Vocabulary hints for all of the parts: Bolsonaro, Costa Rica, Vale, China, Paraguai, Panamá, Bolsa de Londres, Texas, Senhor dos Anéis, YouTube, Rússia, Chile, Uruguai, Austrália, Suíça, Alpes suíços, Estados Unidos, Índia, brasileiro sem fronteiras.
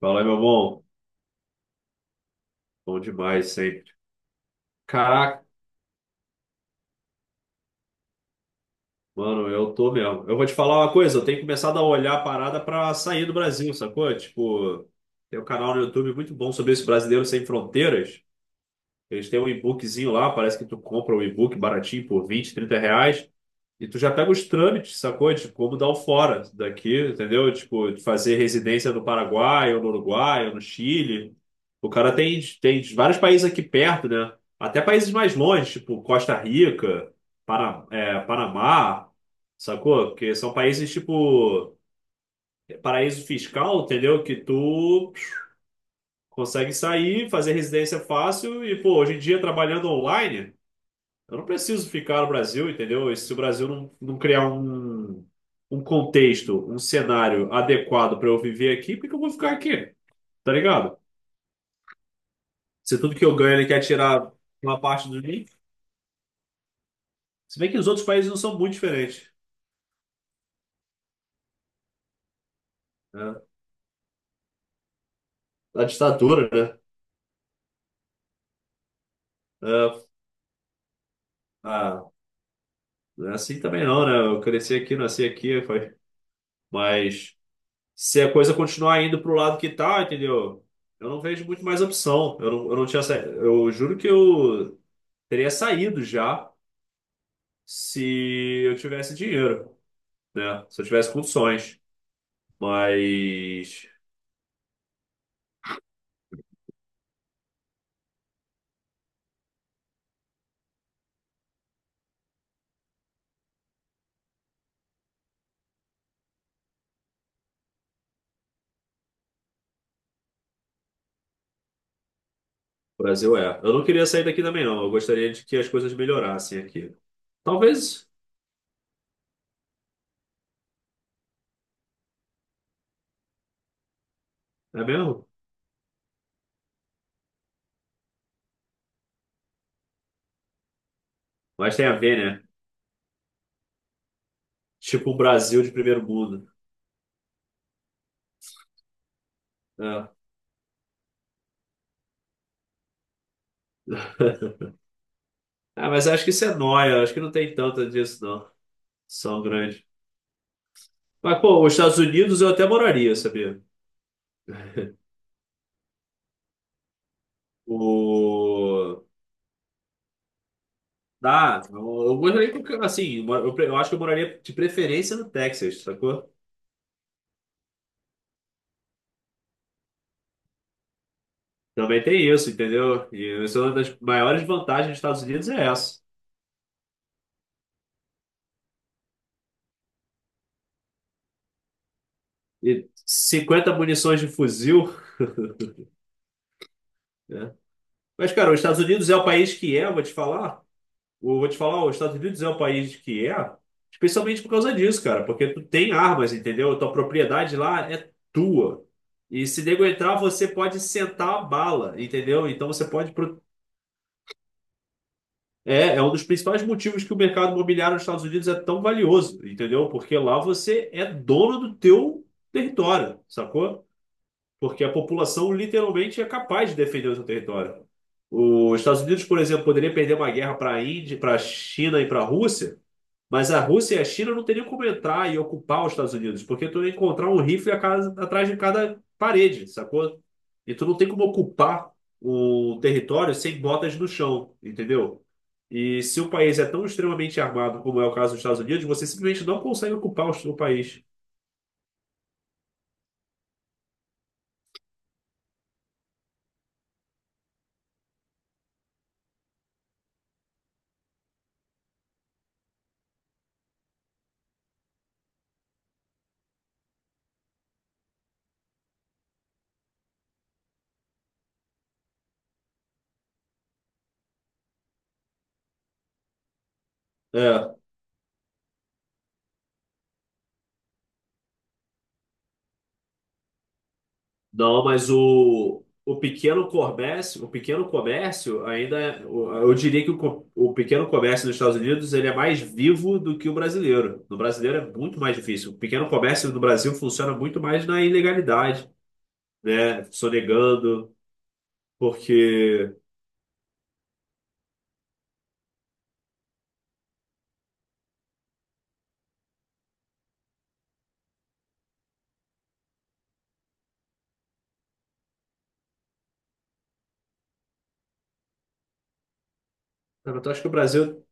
Fala aí, meu bom. Bom demais sempre. Caraca, mano, eu tô mesmo. Eu vou te falar uma coisa, eu tenho começado a olhar a parada pra sair do Brasil, sacou? Tipo, tem um canal no YouTube muito bom sobre esse brasileiro sem fronteiras. Eles têm um e-bookzinho lá, parece que tu compra um e-book baratinho por 20 30 reais. E tu já pega os trâmites, sacou? De como dar o fora daqui, entendeu? Tipo, de fazer residência no Paraguai, ou no Uruguai, ou no Chile. O cara tem vários países aqui perto, né? Até países mais longe, tipo Costa Rica, Panamá, sacou? Porque são países, tipo, paraíso fiscal, entendeu? Que tu consegue sair, fazer residência fácil e, pô, hoje em dia trabalhando online. Eu não preciso ficar no Brasil, entendeu? E se o Brasil não criar um contexto, um cenário adequado para eu viver aqui, por que eu vou ficar aqui? Tá ligado? Se tudo que eu ganho ele quer tirar uma parte do mim. Se bem que os outros países não são muito diferentes, né? A ditadura, né? É, ah, não é assim também não, né? Eu cresci aqui, nasci aqui, foi. Mas se a coisa continuar indo pro lado que tá, entendeu? Eu não vejo muito mais opção. Eu não tinha. Sa- Eu juro que eu teria saído já se eu tivesse dinheiro, né? Se eu tivesse condições. Mas o Brasil é. Eu não queria sair daqui também, não. Eu gostaria de que as coisas melhorassem aqui. Talvez, é mesmo? Mas tem a ver, né? Tipo um Brasil de primeiro mundo, né? Ah, mas acho que isso é nóia. Acho que não tem tanto disso, não. São grandes. Mas, pô, os Estados Unidos eu até moraria, sabia? O... Dá, eu moraria, assim, eu acho que eu moraria de preferência no Texas, sacou? Também tem isso, entendeu? E essa é uma das maiores vantagens dos Estados Unidos é essa. E 50 munições de fuzil, né? Mas, cara, os Estados Unidos é o país que é, eu vou te falar. Eu vou te falar, os Estados Unidos é o país que é, especialmente por causa disso, cara. Porque tu tem armas, entendeu? Tua propriedade lá é tua. E se nego entrar, você pode sentar a bala, entendeu? Então você pode. É, é um dos principais motivos que o mercado imobiliário nos Estados Unidos é tão valioso, entendeu? Porque lá você é dono do teu território, sacou? Porque a população literalmente é capaz de defender o seu território. Os Estados Unidos, por exemplo, poderia perder uma guerra para a Índia, para a China e para a Rússia, mas a Rússia e a China não teriam como entrar e ocupar os Estados Unidos, porque tu ia encontrar um rifle atrás de cada parede, sacou? E tu não tem como ocupar o território sem botas no chão, entendeu? E se o país é tão extremamente armado como é o caso dos Estados Unidos, você simplesmente não consegue ocupar o país. É. Não, mas o pequeno comércio, o pequeno comércio ainda, eu diria que o pequeno comércio nos Estados Unidos ele é mais vivo do que o brasileiro. No brasileiro é muito mais difícil. O pequeno comércio no Brasil funciona muito mais na ilegalidade, né? Sonegando, porque cara, eu acho que o Brasil,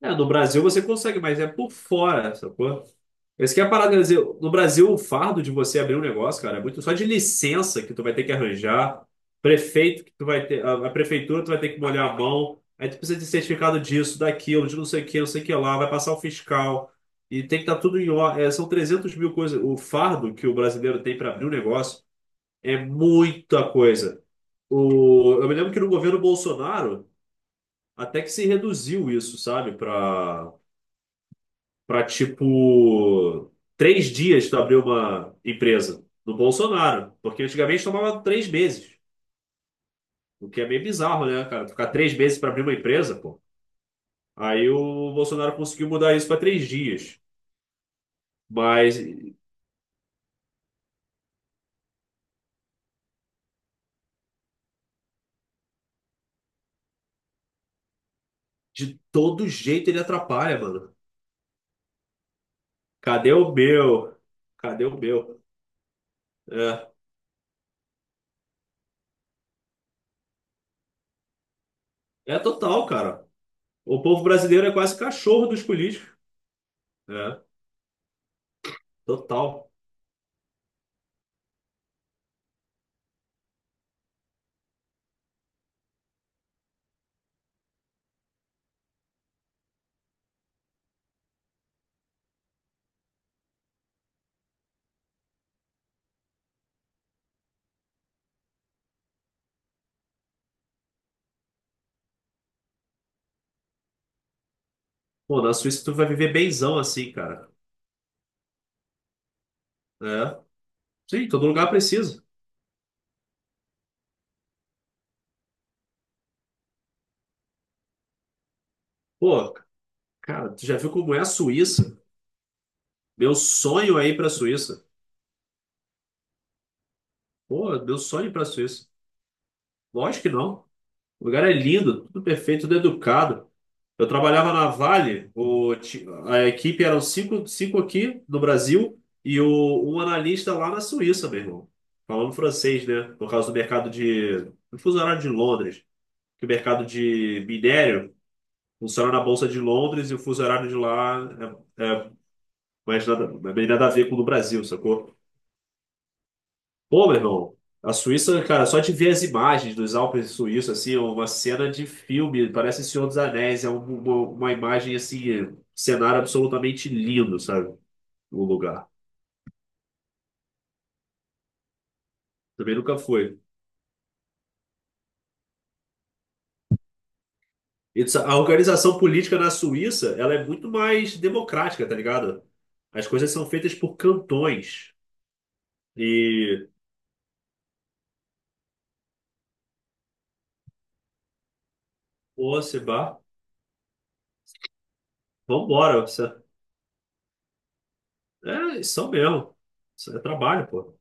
é, no Brasil você consegue, mas é por fora, sacou? Esse que é a parada, quer no Brasil, o fardo de você abrir um negócio, cara, é muito só de licença que tu vai ter que arranjar, prefeito que tu vai ter, a prefeitura tu vai ter que molhar a mão, aí tu precisa de certificado disso, daquilo, de não sei o que, não sei o que lá, vai passar o fiscal, e tem que estar tudo em ordem. São 300 mil coisas. O fardo que o brasileiro tem para abrir um negócio é muita coisa. Eu me lembro que no governo Bolsonaro até que se reduziu isso, sabe, para tipo três dias tu abrir uma empresa do Bolsonaro, porque antigamente tomava três meses, o que é meio bizarro, né, cara? Ficar três meses para abrir uma empresa, pô. Aí o Bolsonaro conseguiu mudar isso para três dias, mas de todo jeito ele atrapalha, mano. Cadê o meu? Cadê o meu? É, é total, cara. O povo brasileiro é quase cachorro dos políticos. É, total. Pô, na Suíça tu vai viver benzão assim, cara. É. Sim, todo lugar precisa. Pô, cara, tu já viu como é a Suíça? Meu sonho é ir pra Suíça. Pô, meu sonho é ir pra Suíça. Lógico que não. O lugar é lindo, tudo perfeito, tudo educado. Eu trabalhava na Vale, a equipe eram cinco aqui no Brasil e um analista lá na Suíça, meu irmão. Falando francês, né? Por causa do mercado de. Do fuso horário de Londres. Que o mercado de minério funciona na Bolsa de Londres e o fuso horário de lá é mais nada, é bem nada a ver com o do Brasil, sacou? Pô, meu irmão, a Suíça, cara, só de ver as imagens dos Alpes suíços, assim, é uma cena de filme, parece Senhor dos Anéis, é uma imagem, assim, cenário absolutamente lindo, sabe? O lugar. Também nunca foi. E a organização política na Suíça, ela é muito mais democrática, tá ligado? As coisas são feitas por cantões. E, pô, Seba, vambora. Isso são mesmo. Isso é trabalho, pô.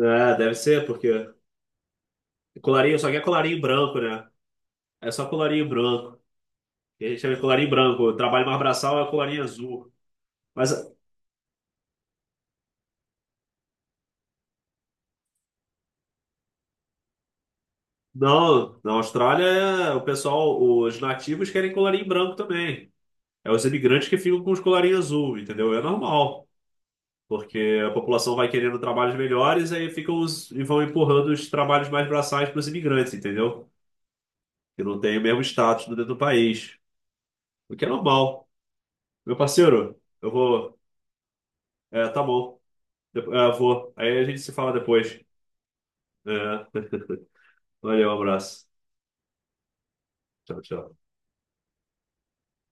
É, deve ser, porque colarinho, só que é colarinho branco, né? É só colarinho branco. A gente chama de colarinho branco. O trabalho mais braçal é o colarinho azul. Mas não, na Austrália, o pessoal, os nativos querem colarinho branco também. É os imigrantes que ficam com os colarinhos azul, entendeu? É normal. Porque a população vai querendo trabalhos melhores, aí ficam os, e vão empurrando os trabalhos mais braçais para os imigrantes, entendeu? Que não tem o mesmo status dentro do país. O que é normal. Meu parceiro, eu vou. É, tá bom. Vou. Aí a gente se fala depois. É. Valeu, um abraço. Tchau, tchau.